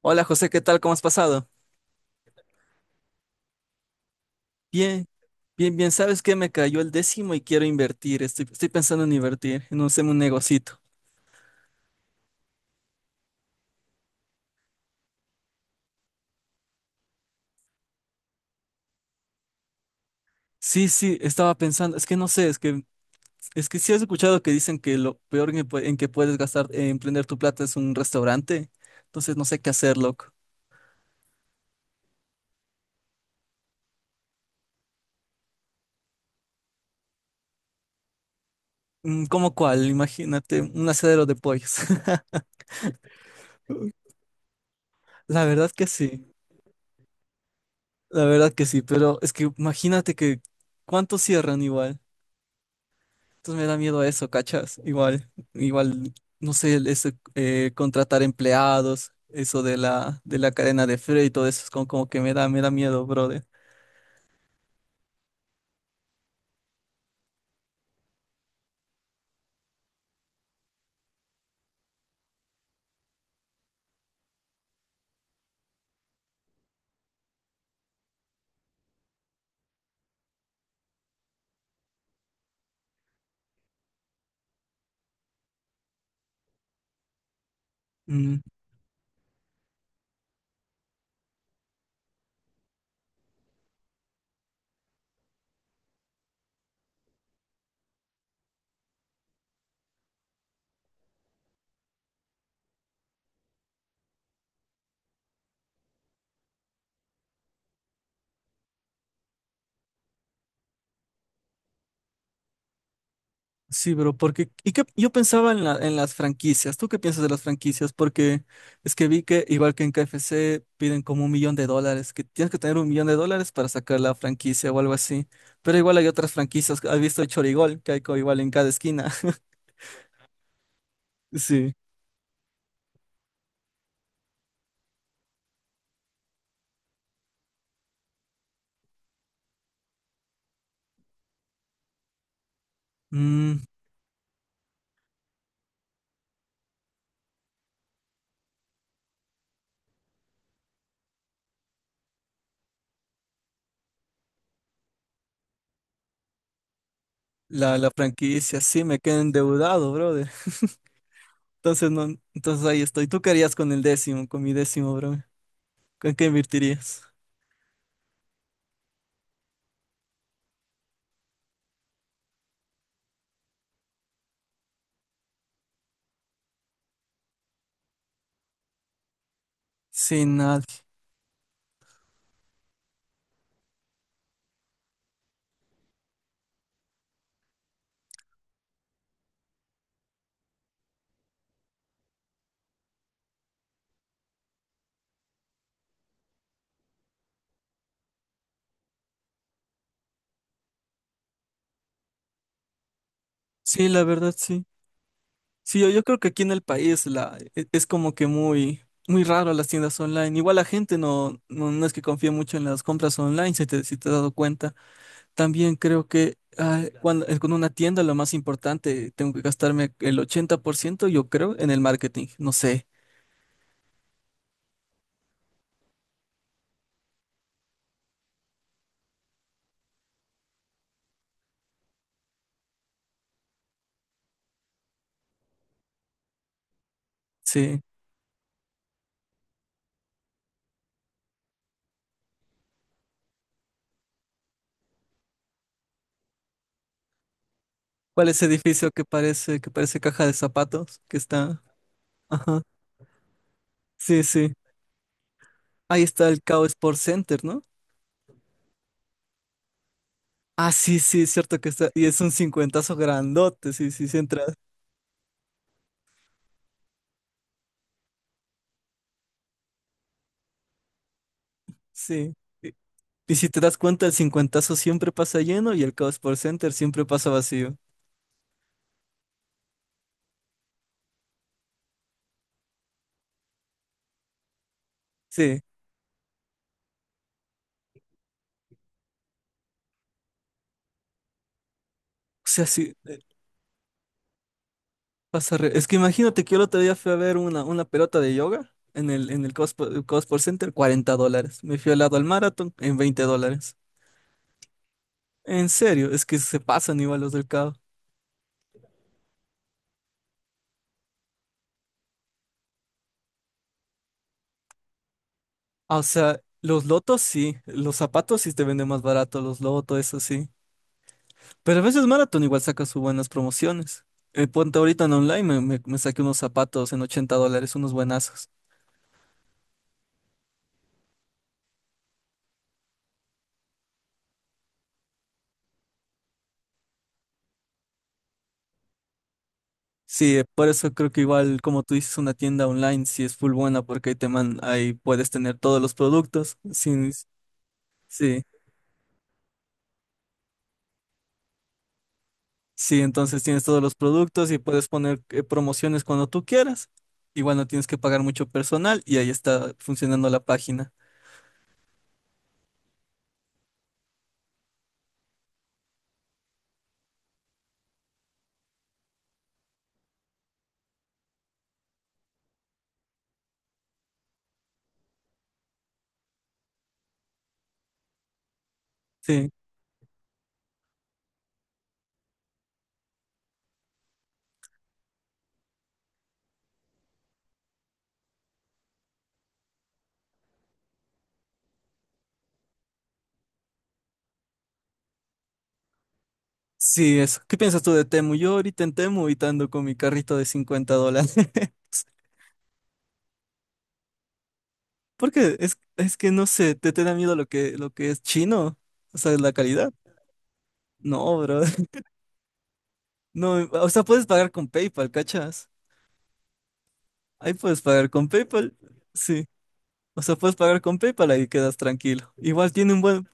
Hola José, ¿qué tal? ¿Cómo has pasado? Bien, bien, bien. ¿Sabes qué? Me cayó el décimo y quiero invertir. Estoy pensando en invertir en un negocito. Sí, sí, estaba pensando. Es que no sé, es que sí has escuchado que dicen que lo peor en que, en que puedes gastar, emprender tu plata es un restaurante. Entonces no sé qué hacer, loco. ¿Cómo cuál? Imagínate, un asadero de pollos. La verdad que sí, la verdad que sí. Pero es que imagínate que cuántos cierran igual. Entonces me da miedo eso, ¿cachas? Igual, no sé, ese, contratar empleados, eso de la cadena de frío y todo eso, es como que me da miedo, brother. Mm, sí, bro, porque, y que yo pensaba en las franquicias. ¿Tú qué piensas de las franquicias? Porque es que vi que, igual que en KFC, piden como $1 millón, que tienes que tener $1 millón para sacar la franquicia o algo así. Pero igual hay otras franquicias, has visto el Chorigol, que hay igual en cada esquina. Sí. Mm, la franquicia, sí, me quedé endeudado, brother. Entonces, no, entonces ahí estoy. ¿Tú qué harías con el décimo, con mi décimo, bro? ¿Con qué invertirías? Sin nadie. Sí, la verdad, sí. Sí, yo creo que aquí en el país es como que muy, muy raro las tiendas online. Igual la gente no es que confíe mucho en las compras online, si te has dado cuenta. También creo que con una tienda lo más importante, tengo que gastarme el 80%, yo creo, en el marketing. No sé. Sí. ¿Cuál es ese edificio que parece caja de zapatos? Que está. Ajá. Sí, sí. Ahí está el Kao Sport Center, ¿no? Ah, sí, sí, es cierto que está. Y es un cincuentazo grandote, sí, sí, sí entras. Sí. Y, y si te das cuenta, el cincuentazo siempre pasa lleno y el Kao Sport Center siempre pasa vacío. Sí. O sea, sí, es que imagínate que yo el otro día fui a ver una pelota de yoga en el Kao Sport Center, $40. Me fui al lado al maratón en $20. En serio, es que se pasan igual los del Cabo. Ah, o sea, los lotos sí, los zapatos sí te venden más barato, los lotos, eso sí. Pero a veces Marathon igual saca sus buenas promociones. Ponte ahorita en online, me saqué unos zapatos en $80, unos buenazos. Sí, por eso creo que igual, como tú dices, una tienda online sí es full buena porque ahí puedes tener todos los productos. Sí, sí, entonces tienes todos los productos y puedes poner promociones cuando tú quieras. Igual no tienes que pagar mucho personal y ahí está funcionando la página. Sí. Sí, eso. ¿Qué piensas tú de Temu? Yo ahorita en Temu y te ando con mi carrito de $50. Porque es que no sé, ¿te da miedo lo que es chino? O sea, la calidad. No, bro. No, o sea, puedes pagar con PayPal, ¿cachas? Ahí puedes pagar con PayPal. Sí. O sea, puedes pagar con PayPal, ahí quedas tranquilo. Igual tiene un buen.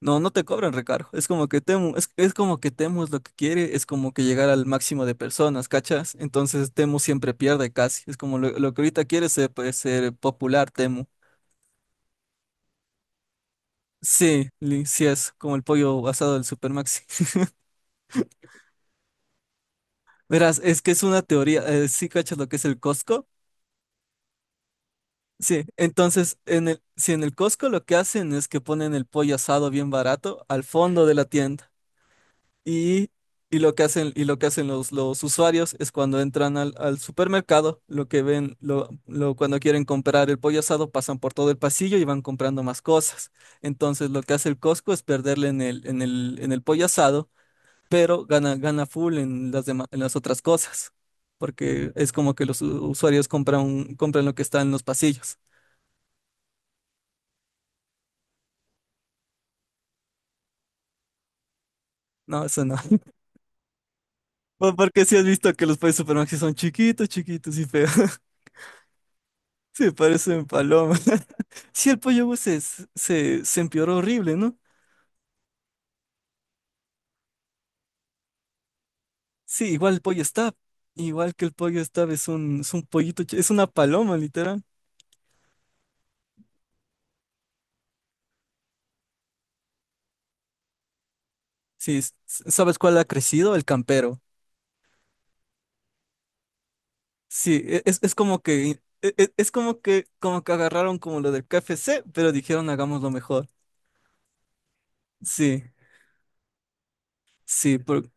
No, no te cobran recargo. Es como que Temu, es como que Temu es lo que quiere, es como que llegar al máximo de personas, ¿cachas? Entonces Temu siempre pierde casi. Es como lo que ahorita quiere ser, pues, ser popular Temu. Sí, sí es como el pollo asado del Supermaxi. Verás, es que es una teoría. ¿Sí cachas lo que es el Costco? Sí, entonces si en el Costco lo que hacen es que ponen el pollo asado bien barato al fondo de la tienda. Y, y lo que hacen, y lo que hacen los usuarios es cuando entran al supermercado, lo que ven, lo- cuando quieren comprar el pollo asado, pasan por todo el pasillo y van comprando más cosas. Entonces lo que hace el Costco es perderle en el pollo asado, pero gana full en las otras cosas. Porque es como que los usuarios compran lo que está en los pasillos. No, eso no. Porque si has visto que los pollos supermercados son chiquitos, chiquitos y feos. Sí, parecen palomas. Sí, el pollo Gus se empeoró horrible, ¿no? Sí, igual el pollo Stab. Igual que el pollo Stab es un pollito, es una paloma, literal. Sí, ¿Sabes cuál ha crecido? El campero. Sí, como que agarraron como lo del KFC, pero dijeron hagámoslo mejor. Sí, sí, por.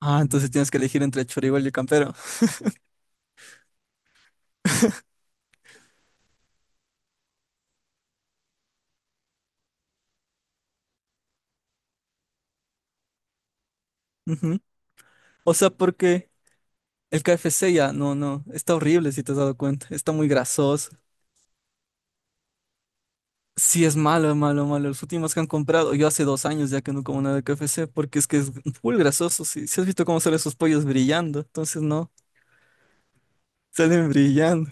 Ah, entonces tienes que elegir entre el choribol y el campero. Ujú. O sea, porque el KFC ya, no, no, está horrible si te has dado cuenta, está muy grasoso. Sí, es malo, malo, malo. Los últimos que han comprado, yo hace 2 años ya que no como nada de KFC, porque es que es full grasoso. Si has visto cómo salen esos pollos brillando, entonces no, salen brillando.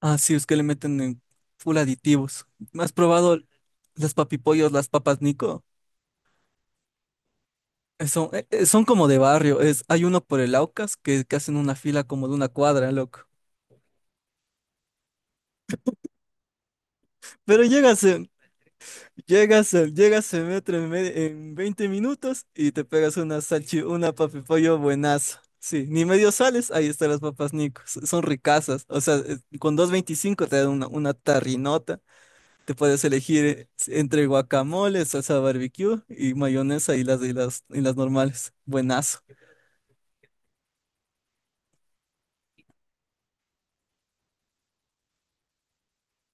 Ah, sí, es que le meten en full aditivos. ¿Has probado las papipollos, las papas Nico? Son como de barrio. Hay uno por el Aucas que hacen una fila como de una cuadra, loco. Pero llegas en metro en 20 minutos y te pegas una papi pollo buenazo. Sí, ni medio sales, ahí están las papas Nico. Son ricasas. O sea, con 2,25 te dan una tarrinota. Te puedes elegir entre guacamole, salsa barbecue y mayonesa y las normales. Buenazo.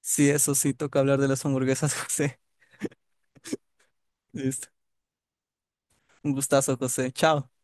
Sí, eso sí, toca hablar de las hamburguesas, José. Listo. Un gustazo, José. Chao.